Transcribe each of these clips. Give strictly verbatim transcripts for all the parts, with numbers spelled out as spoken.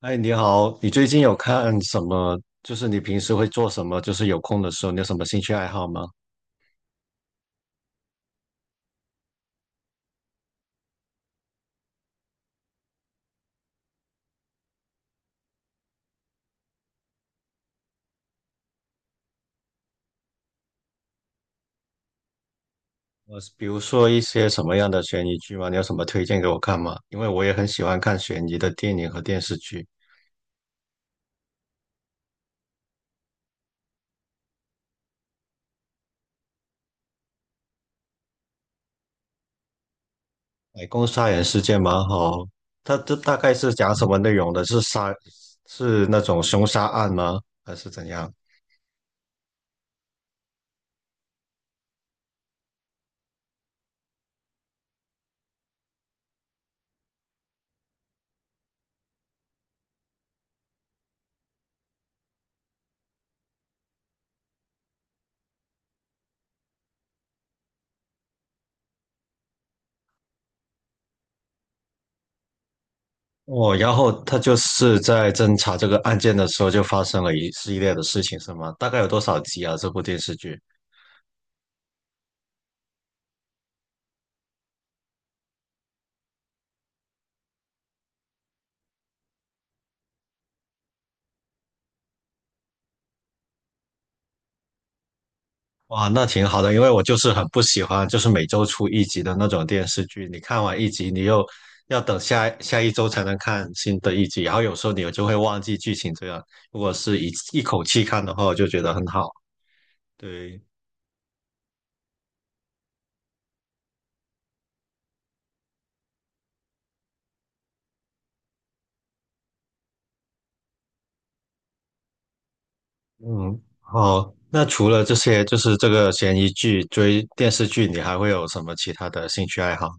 哎，你好，你最近有看什么？就是你平时会做什么？就是有空的时候，你有什么兴趣爱好吗？呃，比如说一些什么样的悬疑剧吗？你有什么推荐给我看吗？因为我也很喜欢看悬疑的电影和电视剧。白宫杀人事件蛮好，它这大概是讲什么内容的？是杀，是那种凶杀案吗？还是怎样？哦，然后他就是在侦查这个案件的时候，就发生了一系列的事情，是吗？大概有多少集啊？这部电视剧？哇，那挺好的，因为我就是很不喜欢，就是每周出一集的那种电视剧。你看完一集，你又要等下下一周才能看新的一集，然后有时候你就会忘记剧情。这样，如果是一一口气看的话，我就觉得很好。对，嗯，好。那除了这些，就是这个悬疑剧、追电视剧，你还会有什么其他的兴趣爱好吗？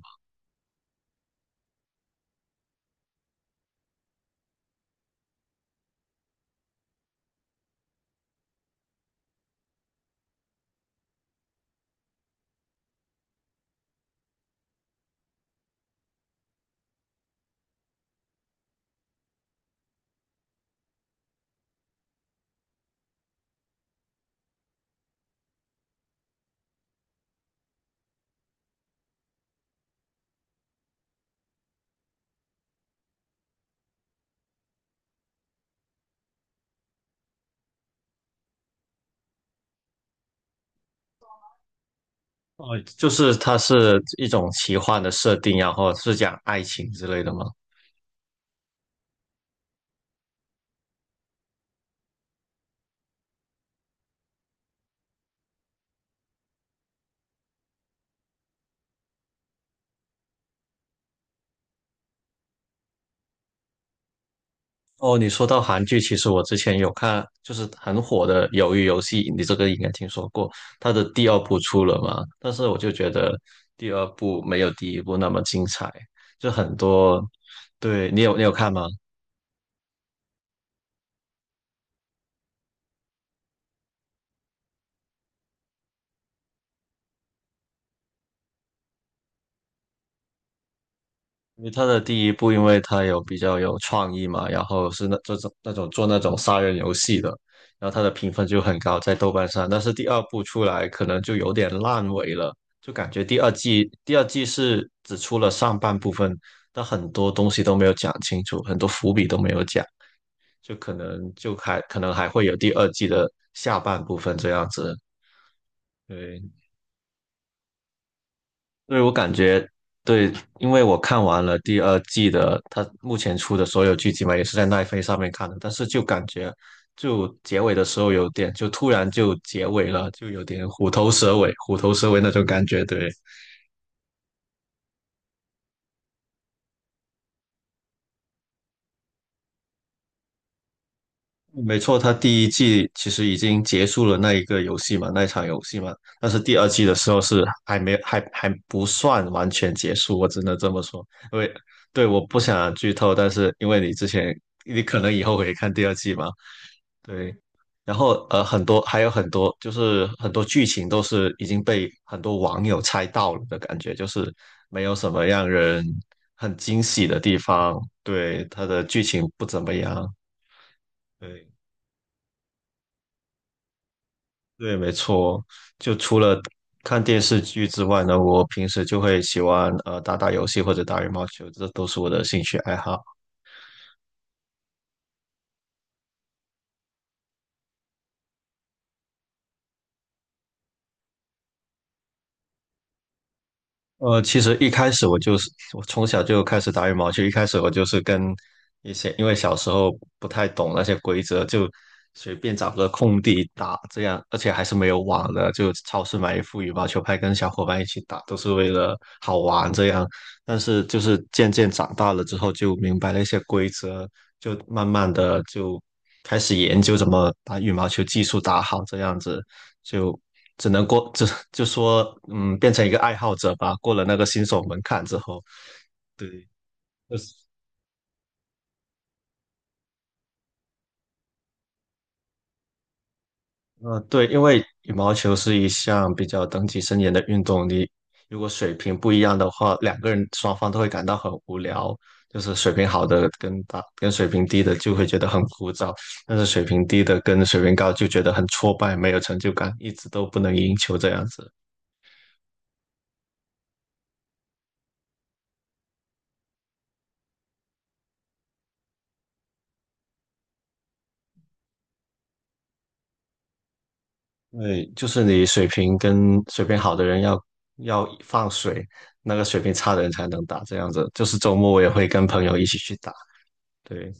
哦，就是它是一种奇幻的设定啊，然后是讲爱情之类的吗？哦，你说到韩剧，其实我之前有看，就是很火的《鱿鱼游戏》，你这个应该听说过。它的第二部出了嘛？但是我就觉得第二部没有第一部那么精彩，就很多。对，你有你有看吗？因为他的第一部，因为他有比较有创意嘛，然后是那这种那种做那种杀人游戏的，然后他的评分就很高，在豆瓣上。但是第二部出来可能就有点烂尾了，就感觉第二季第二季是只出了上半部分，但很多东西都没有讲清楚，很多伏笔都没有讲，就可能就还可能还会有第二季的下半部分这样子。对，对，我感觉对，因为我看完了第二季的，它目前出的所有剧集嘛，也是在奈飞上面看的，但是就感觉就结尾的时候有点，就突然就结尾了，就有点虎头蛇尾，虎头蛇尾那种感觉。对，没错，它第一季其实已经结束了那一个游戏嘛，那一场游戏嘛，但是第二季的时候是还没还还不算完全结束，我只能这么说，因为对，我不想剧透，但是因为你之前你可能以后会看第二季嘛。对，然后呃，很多还有很多，就是很多剧情都是已经被很多网友猜到了的感觉，就是没有什么让人很惊喜的地方。对，它的剧情不怎么样。对，对，没错。就除了看电视剧之外呢，我平时就会喜欢呃打打游戏或者打羽毛球，这都是我的兴趣爱好。呃，其实一开始我就是我从小就开始打羽毛球，一开始我就是跟一些，因为小时候不太懂那些规则，就随便找个空地打，这样，而且还是没有网的，就超市买一副羽毛球拍，跟小伙伴一起打，都是为了好玩这样。但是就是渐渐长大了之后，就明白了一些规则，就慢慢的就开始研究怎么把羽毛球技术打好，这样子就只能过，就就说嗯，变成一个爱好者吧。过了那个新手门槛之后，对，就是呃，对，因为羽毛球是一项比较等级森严的运动，你如果水平不一样的话，两个人双方都会感到很无聊。就是水平好的跟打跟水平低的就会觉得很枯燥，但是水平低的跟水平高就觉得很挫败，没有成就感，一直都不能赢球这样子。对，就是你水平跟水平好的人要要放水，那个水平差的人才能打，这样子。就是周末我也会跟朋友一起去打，对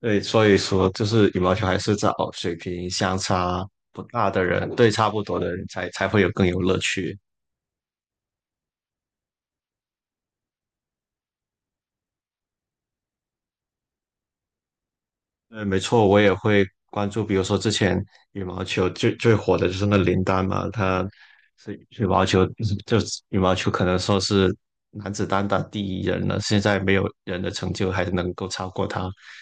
对，所以说就是羽毛球还是找水平相差不大的人，对差不多的人才才会有更有乐趣。对，没错，我也会关注，比如说之前羽毛球最最火的就是那林丹嘛，他是羽毛球，就是羽毛球可能说是男子单打第一人了，现在没有人的成就还能够超过他。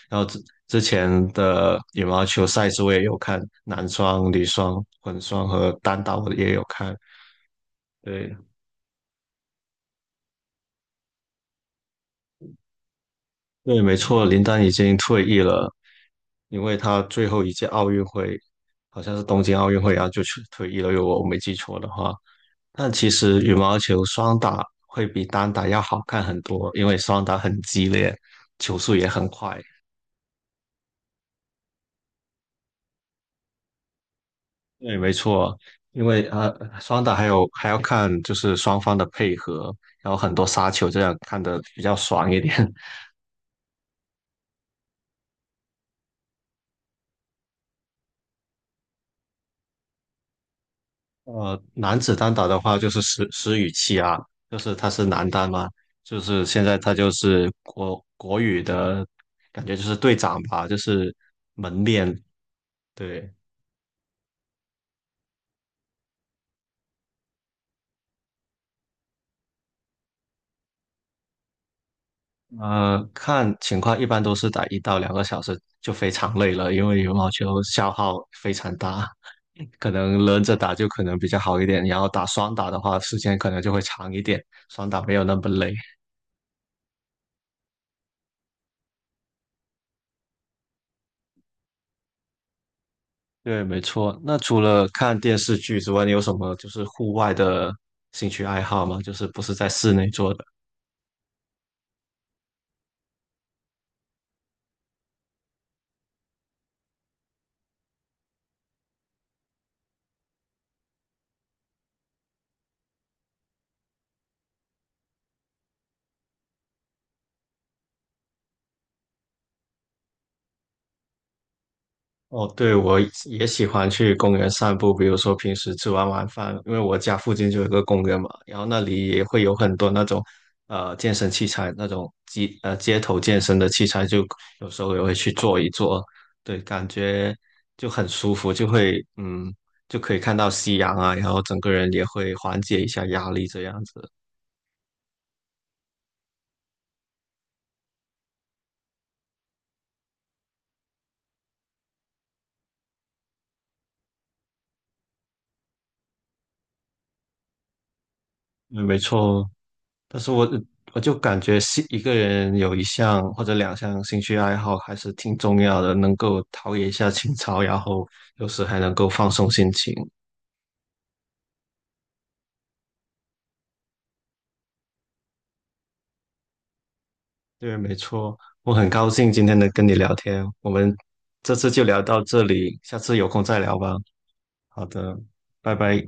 然后之之前的羽毛球赛事我也有看，男双、女双、混双和单打我也有看。对对，没错，林丹已经退役了。因为他最后一届奥运会好像是东京奥运会啊，然后就去退役了，如果我没记错的话。但其实羽毛球双打会比单打要好看很多，因为双打很激烈，球速也很快。对，没错，因为呃，双打还有还要看就是双方的配合，然后很多杀球，这样看得比较爽一点。呃，男子单打的话就是石石宇奇啊，就是他是男单嘛，就是现在他就是国国羽的感觉就是队长吧，就是门面。对，呃，看情况一般都是打一到两个小时就非常累了，因为羽毛球消耗非常大，可能轮着打就可能比较好一点，然后打双打的话时间可能就会长一点，双打没有那么累。对，没错。那除了看电视剧之外，你有什么就是户外的兴趣爱好吗？就是不是在室内做的？哦，对，我也喜欢去公园散步，比如说平时吃完晚饭，因为我家附近就有一个公园嘛，然后那里也会有很多那种呃健身器材，那种街呃街头健身的器材，就有时候也会去做一做，对，感觉就很舒服，就会嗯就可以看到夕阳啊，然后整个人也会缓解一下压力这样子。嗯，没错，但是我我就感觉是一个人有一项或者两项兴趣爱好还是挺重要的，能够陶冶一下情操，然后有时还能够放松心情。对，没错，我很高兴今天能跟你聊天，我们这次就聊到这里，下次有空再聊吧。好的，拜拜。